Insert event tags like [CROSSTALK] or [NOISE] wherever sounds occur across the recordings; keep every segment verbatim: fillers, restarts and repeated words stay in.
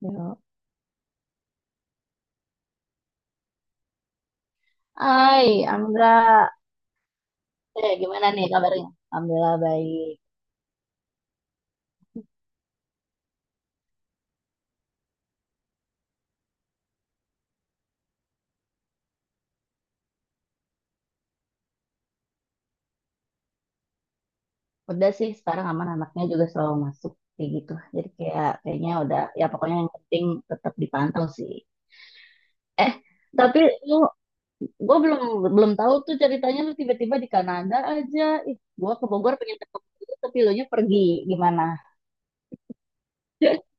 Ya, hai, Amra. Eh, gimana nih kabarnya? Alhamdulillah baik. Udah sih, sekarang aman anaknya juga selalu masuk kayak gitu. Jadi kayak kayaknya udah ya pokoknya yang penting tetap dipantau sih. Eh, tapi lu gue belum belum tahu tuh ceritanya lu tiba-tiba di Kanada aja. Ih, gue ke Bogor pengen ketemu lu, tapi lu nya pergi. Gimana? [LAUGHS]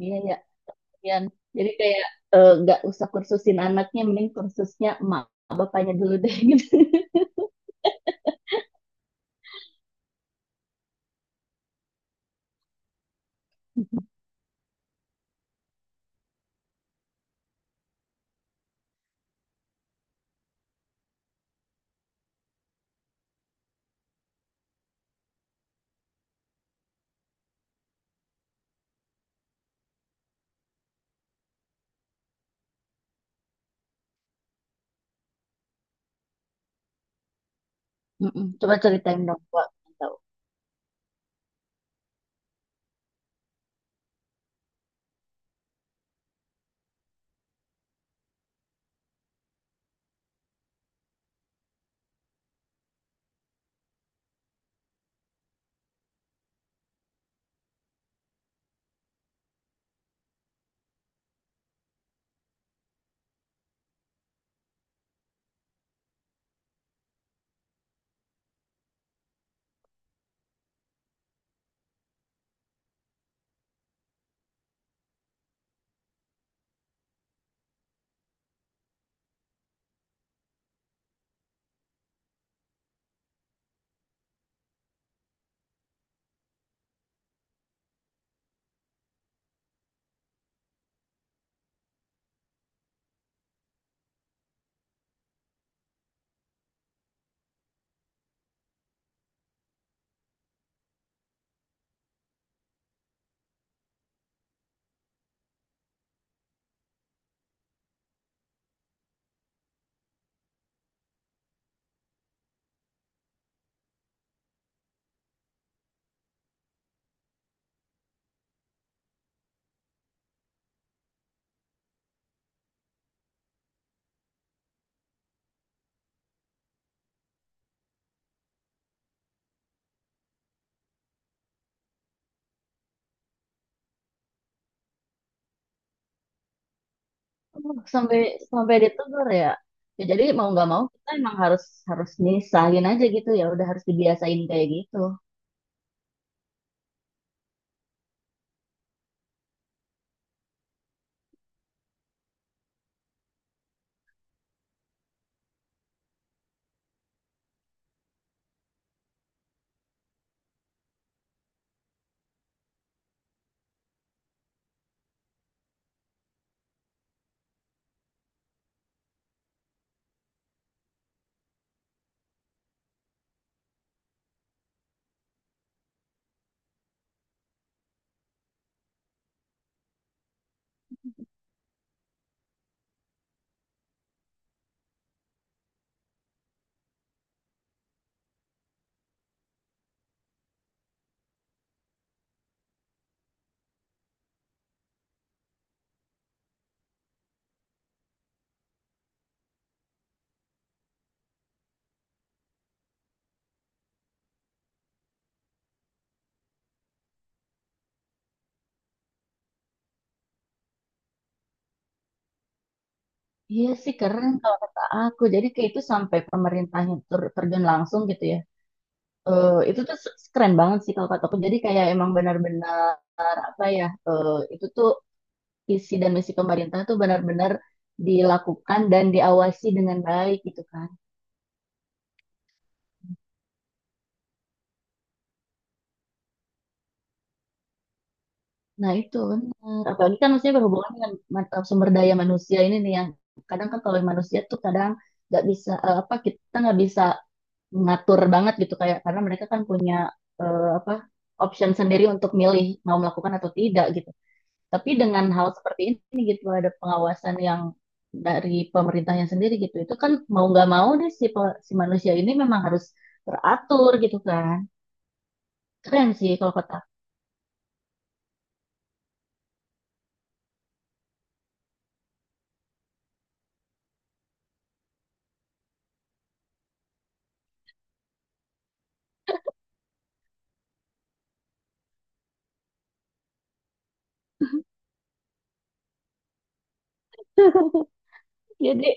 Iya ya, Yan. Jadi kayak eh, nggak usah kursusin anaknya, mending kursusnya emak bapaknya dulu deh [LAUGHS] gitu. Mm-mm. Coba ceritain dong, Wak. Oh, sampai sampai ditegur ya. Ya jadi mau nggak mau kita emang harus harus nyisahin aja gitu ya udah harus dibiasain kayak gitu. Iya sih keren kalau kata aku. Jadi kayak itu sampai pemerintahnya ter- terjun langsung gitu ya. Eh, itu tuh se- keren banget sih kalau kata aku. Jadi kayak emang benar-benar apa ya? Eh, itu tuh isi dan misi pemerintah tuh benar-benar dilakukan dan diawasi dengan baik gitu kan. Nah, itu benar. Apalagi kan maksudnya berhubungan dengan man- eh, sumber daya manusia ini nih yang kadang kan kalau manusia tuh kadang nggak bisa eh, apa kita nggak bisa mengatur banget gitu kayak karena mereka kan punya eh, apa option sendiri untuk milih mau melakukan atau tidak gitu. Tapi dengan hal seperti ini gitu ada pengawasan yang dari pemerintahnya sendiri gitu. Itu kan mau nggak mau deh si pe- si manusia ini memang harus teratur gitu kan. Keren sih kalau kata. [LAUGHS] Jadi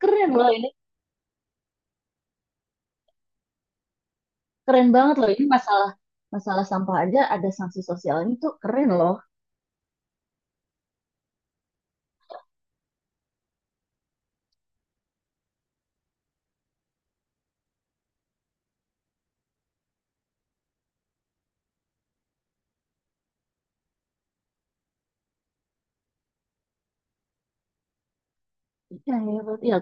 keren loh ini keren banget loh ini masalah masalah sampah aja ada sanksi sosialnya tuh keren loh iya hebat ya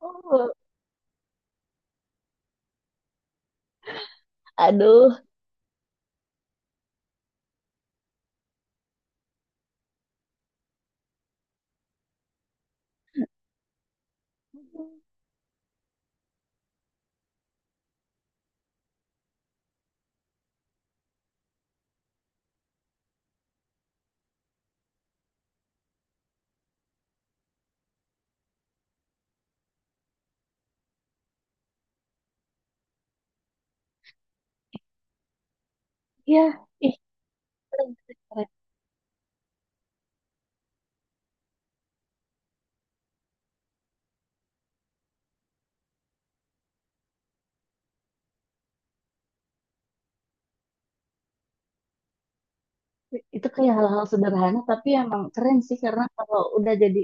oh, aduh ya ih keren, keren, keren. Itu kayak hal-hal sederhana tapi emang keren sih karena kalau udah jadi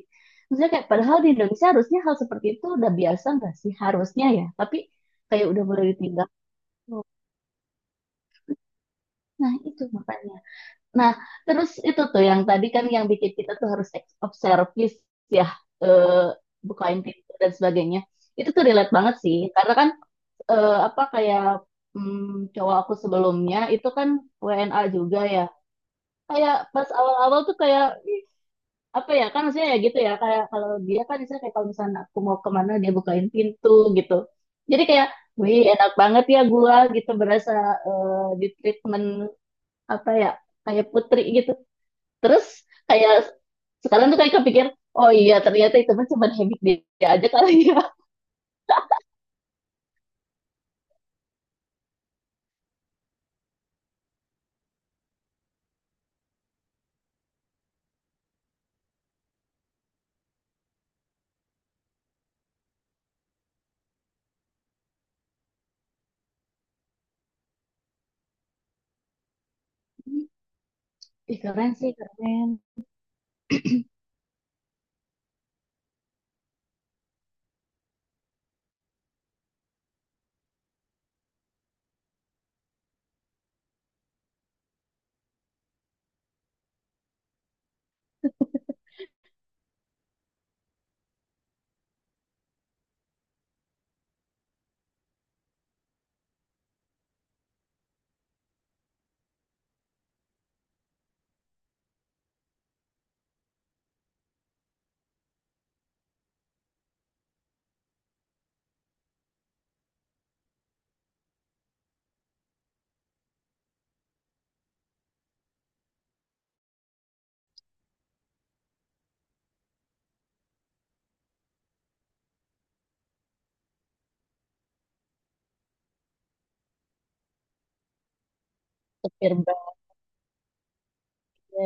maksudnya kayak padahal di Indonesia harusnya hal seperti itu udah biasa nggak sih harusnya ya tapi kayak udah mulai ditinggal nah itu makanya. Nah, terus itu tuh yang tadi kan yang bikin kita tuh harus ex- of service ya, eh, bukain pintu dan sebagainya. Itu tuh relate banget sih, karena kan eh, apa kayak mm, cowok aku sebelumnya itu kan W N A juga ya. Kayak pas awal-awal tuh kayak ih, apa ya kan maksudnya ya gitu ya kayak kalau dia kan misalnya kayak kalau misalnya aku mau kemana dia bukain pintu gitu. Jadi kayak wih enak banget ya gua gitu berasa eh, di treatment apa ya kayak putri gitu. Terus kayak sekarang tuh kayak kepikir, oh iya ternyata itu mah cuma habit dia aja kali ya. [LAUGHS] Ih, keren sih, keren. Supir bangga,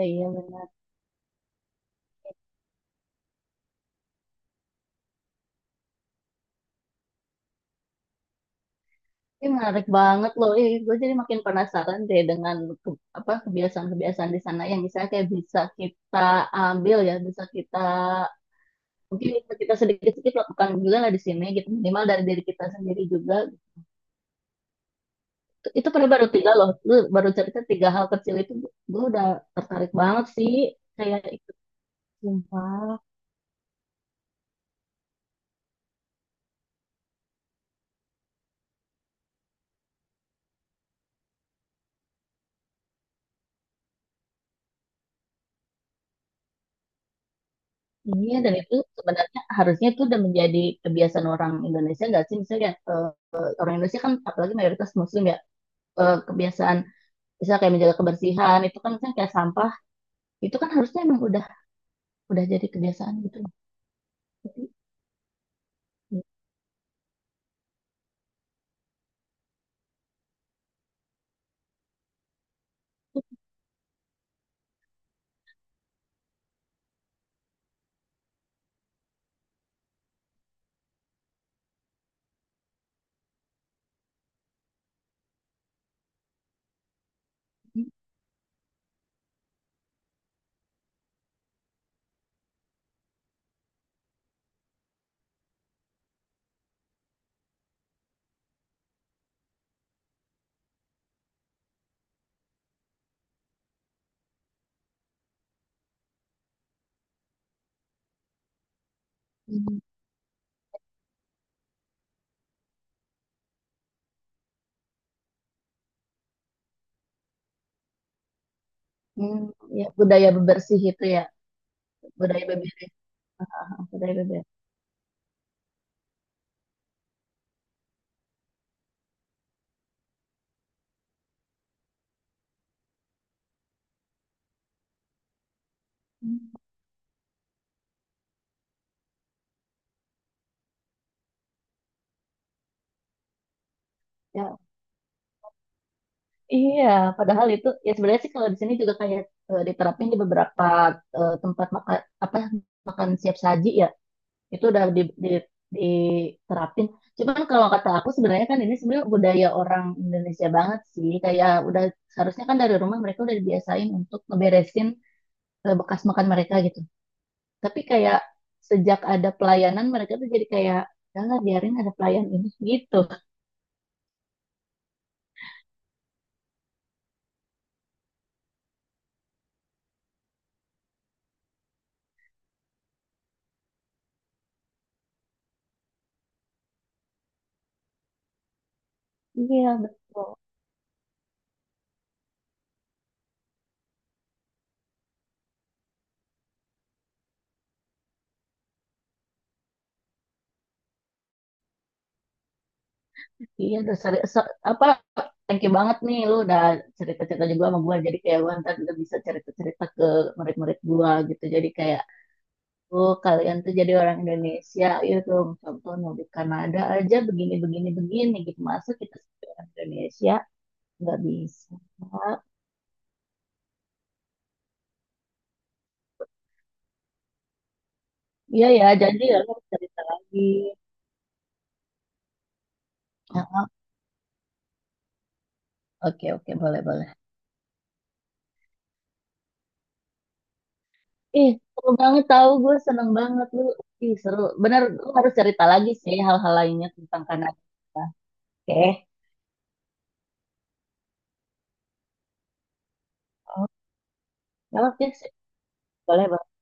iya benar. Ini menarik banget loh. Ih, gue jadi makin penasaran deh dengan ke- apa kebiasaan-kebiasaan di sana yang misalnya kayak bisa kita ambil ya, bisa kita mungkin bisa kita sedikit-sedikit lakukan juga lah di sini gitu. Minimal dari diri kita sendiri juga. Itu, itu padahal baru tiga loh. Lu baru cerita tiga hal kecil itu gue udah tertarik banget sih kayak ikut sumpah. Iya, dan itu sebenarnya harusnya itu udah menjadi kebiasaan orang Indonesia nggak sih? Misalnya eh, eh, orang Indonesia kan apalagi mayoritas Muslim ya, eh, kebiasaan misalnya kayak menjaga kebersihan itu kan misalnya kayak sampah itu kan harusnya emang udah udah jadi kebiasaan gitu. Tapi, mm, mm, mm, ya budaya bebersih itu ya budaya beberes, ah, ah, budaya beberes. Hmm, ya, iya, padahal itu ya sebenarnya sih kalau di sini juga kayak eh, diterapin di beberapa eh, tempat makan apa makan siap saji ya. Itu udah di, di, diterapin. Cuman kalau kata aku sebenarnya kan ini sebenarnya budaya orang Indonesia banget sih. Kayak udah seharusnya kan dari rumah mereka udah dibiasain untuk ngeberesin eh, bekas makan mereka gitu. Tapi kayak sejak ada pelayanan mereka tuh jadi kayak "Udah lah biarin ada pelayan ini gitu. Iya, betul. Iya udah seri- se- apa thank you banget nih lu udah cerita-cerita juga sama gue. Jadi kayak gue ntar udah bisa cerita-cerita ke murid-murid gue gitu. Jadi kayak oh, kalian tuh jadi orang Indonesia, yuk tuh contohnya di Kanada aja begini begini begini gitu masa kita sebagai orang Indonesia nggak bisa. Iya ya, jadi ya lo harus cerita lagi. Ah, ah, oke oke boleh boleh. Ih seru banget tahu gue seneng banget lu. Ih seru, bener lu harus cerita lagi sih hal-hal lainnya tentang Kanada. Oke, oh, oke sih. Boleh boleh.